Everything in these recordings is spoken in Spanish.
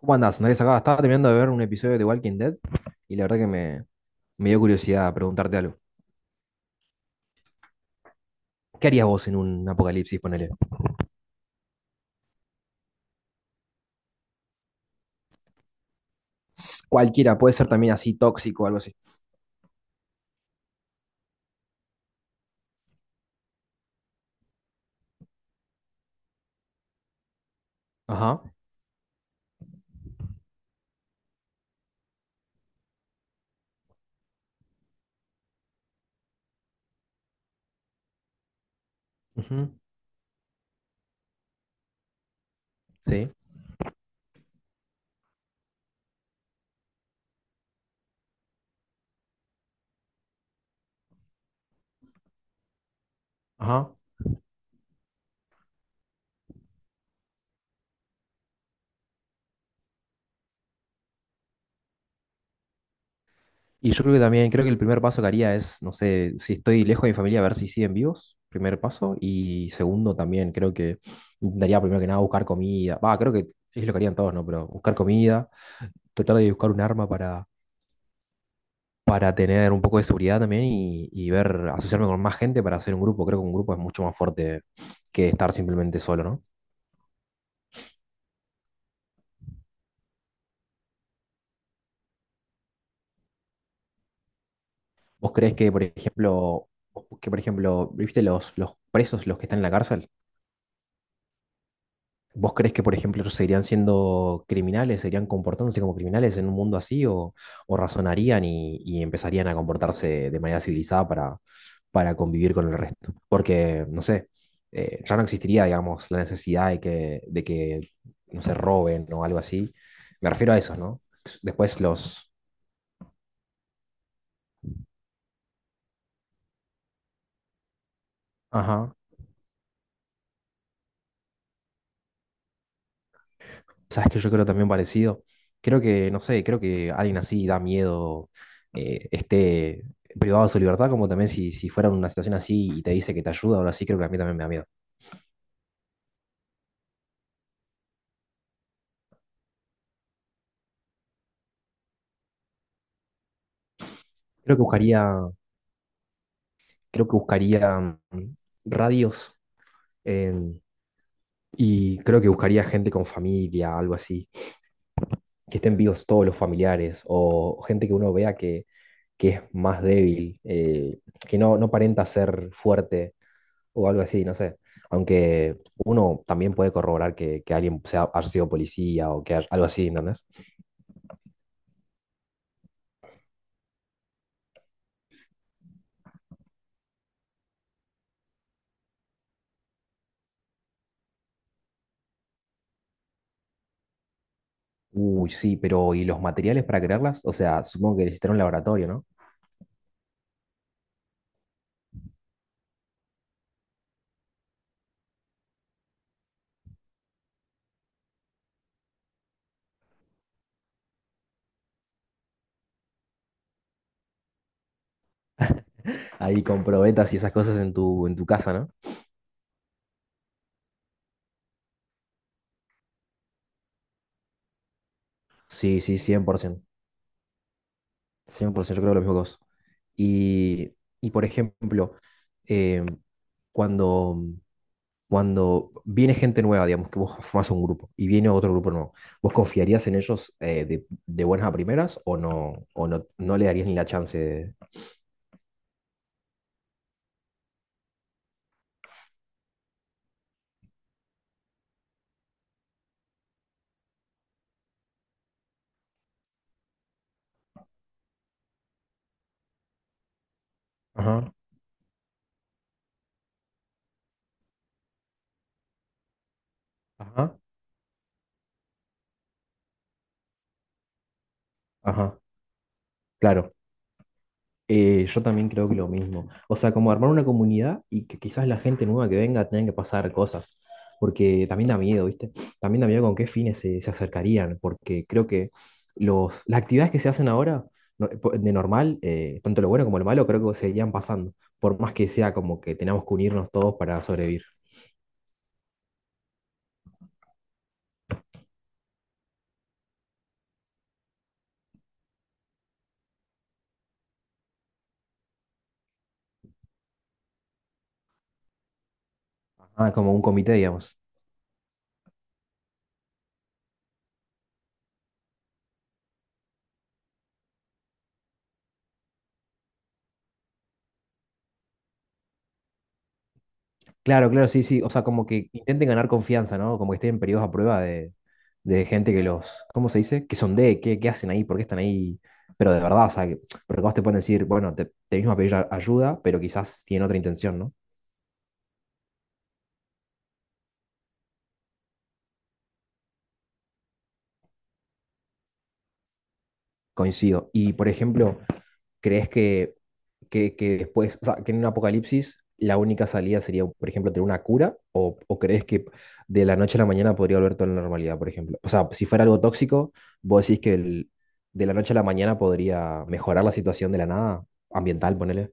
¿Cómo andás, Andrés? Acá estaba terminando de ver un episodio de Walking Dead y la verdad que me dio curiosidad preguntarte algo. ¿Qué harías vos en un apocalipsis, ponele? Cualquiera, puede ser también así tóxico o algo así. Ajá. Ujú. Sí. Ajá. Y yo creo que también, creo que el primer paso que haría es, no sé, si estoy lejos de mi familia, a ver si siguen vivos, primer paso. Y segundo, también creo que intentaría primero que nada buscar comida. Va, creo que es lo que harían todos, ¿no? Pero buscar comida, tratar de buscar un arma para tener un poco de seguridad también y ver, asociarme con más gente para hacer un grupo. Creo que un grupo es mucho más fuerte que estar simplemente solo, ¿no? ¿Vos creés que, por ejemplo, viste los presos, los que están en la cárcel? ¿Vos crees que, por ejemplo, ellos seguirían siendo criminales, seguirían comportándose como criminales en un mundo así o razonarían y empezarían a comportarse de manera civilizada para convivir con el resto? Porque, no sé, ya no existiría, digamos, la necesidad de que no se roben o algo así. Me refiero a eso, ¿no? Después los. Ajá. Sabes que yo creo también parecido. No sé, creo que alguien así da miedo, esté privado de su libertad, como también si fuera una situación así y te dice que te ayuda, ahora sí creo que a mí también me da miedo. Creo que buscaría, creo que buscaría mm, radios en- y creo que buscaría gente con familia, algo así, que estén vivos todos los familiares o gente que uno vea que es más débil, que no aparenta ser fuerte o algo así, no sé. Aunque uno también puede corroborar que alguien sea, haya sido policía o algo así, ¿entendés? Uy, sí, pero ¿y los materiales para crearlas? O sea, supongo que necesitarán un laboratorio, ¿no? Ahí con probetas y esas cosas en tu casa, ¿no? Sí, sí, cien por ciento. Cien por 100%, yo creo lo mismo que vos. Y, y por ejemplo, eh, cuando cuando viene gente nueva, digamos, que vos formás un grupo y viene otro grupo nuevo, ¿vos confiarías en ellos, de buenas a primeras o no, no le darías ni la chance de? Ajá, ajá, ajá. Claro. Yo también creo que lo mismo. O sea, como armar una comunidad y que quizás la gente nueva que venga tenga que pasar cosas. Porque también da miedo, ¿viste? También da miedo con qué fines se acercarían. Porque creo que las actividades que se hacen ahora, de normal, tanto lo bueno como lo malo, creo que seguirían pasando. Por más que sea como que tenemos que unirnos todos para sobrevivir. Ah, como un comité, digamos. Claro, claro, sí, sí. O sea, como que intenten ganar confianza, ¿no? Como que estén en periodos a prueba de gente que los, ¿cómo se dice? Que sondee, qué hacen ahí, por qué están ahí. Pero de verdad, o sea, porque vos te pueden decir, bueno, te mismo a pedir ayuda, pero quizás tienen otra intención, ¿no? Coincido. Y, por ejemplo, ¿crees que después, o sea, que en un apocalipsis la única salida sería, por ejemplo, tener una cura? O crees que de la noche a la mañana podría volver toda la normalidad, por ejemplo? O sea, si fuera algo tóxico, vos decís que de la noche a la mañana podría mejorar la situación de la nada ambiental, ponele.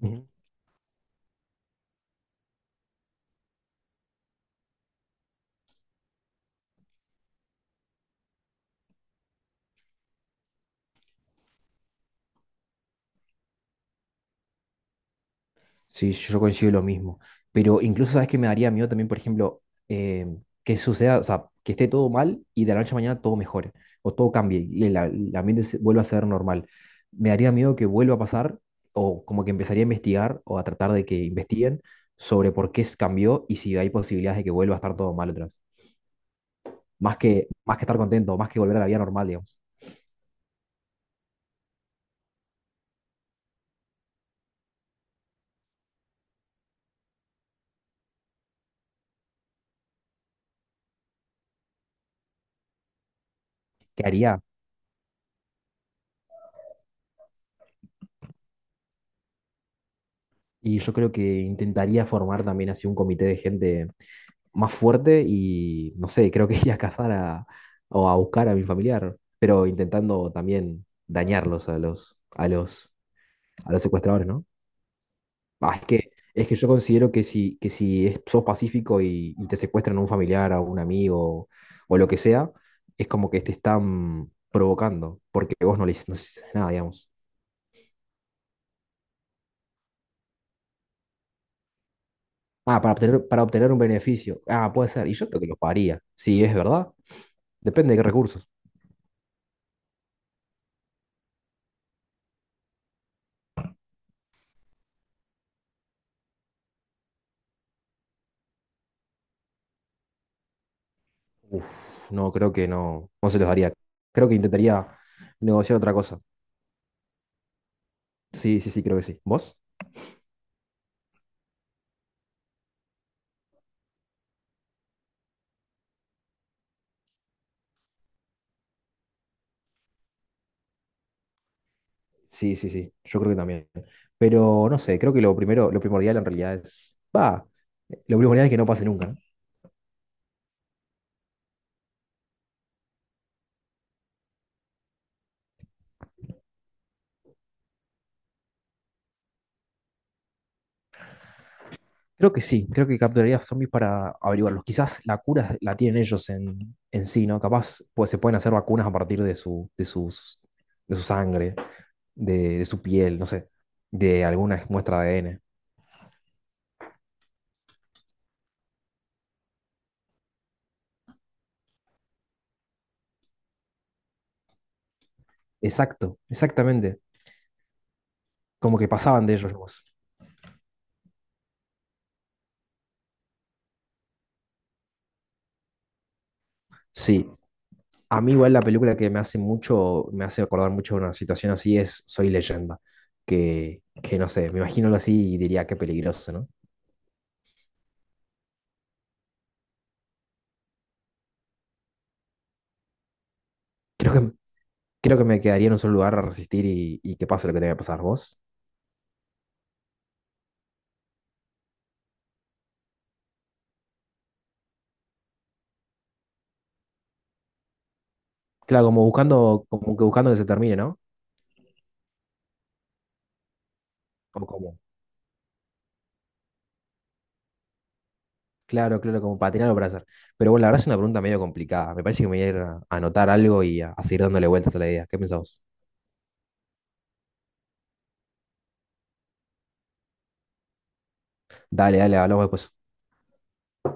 Ujú. Sí, yo coincido lo mismo. Pero incluso, ¿sabes que me daría miedo también, por ejemplo, eh, que suceda, o sea, que esté todo mal y de la noche a mañana todo mejore o todo cambie y el ambiente vuelva a ser normal? Me daría miedo que vuelva a pasar o como que empezaría a investigar o a tratar de que investiguen sobre por qué se cambió y si hay posibilidades de que vuelva a estar todo mal otra vez. Más que estar contento, más que volver a la vida normal, digamos. ¿Qué haría? Y yo creo que intentaría formar también así un comité de gente más fuerte y no sé, creo que ir a cazar o a buscar a mi familiar, pero intentando también dañarlos a los secuestradores, ¿no? Ah, es que yo considero que si sos pacífico y te secuestran a un familiar, a un amigo o lo que sea, es como que te están provocando, porque vos no le hiciste nada, digamos. Ah, para obtener un beneficio. Ah, puede ser. Y yo creo que los pagaría. Sí, es verdad. Depende de qué recursos. Uf, no, creo que no se los daría. Creo que intentaría negociar otra cosa. Sí, sí, sí, creo que sí. ¿Vos? Sí, sí, sí, yo creo que también. Pero no sé, creo que lo primero, lo primordial en realidad es, va, lo primordial es que no pase nunca, ¿no? Creo que sí, creo que capturaría zombies para averiguarlos. Quizás la cura la tienen ellos en sí, ¿no? Capaz pues, se pueden hacer vacunas a partir de su sangre, de su piel, no sé, de alguna muestra de ADN. Exacto, exactamente. Como que pasaban de ellos nomás. Sí, a mí igual la película que me hace acordar mucho de una situación así es Soy Leyenda, que no sé, me imagino así y diría qué peligroso, ¿no? Creo que, creo que me quedaría en un solo lugar a resistir y que pase lo que tenga que pasar vos. Claro, como buscando, como que buscando que se termine, ¿no? O como, claro, claro, como para tener algo para hacer. Pero bueno, la verdad es una pregunta medio complicada. Me parece que me voy a ir a anotar algo y a seguir dándole vueltas a la idea. ¿Qué pensás vos? Dale, dale, hablamos después.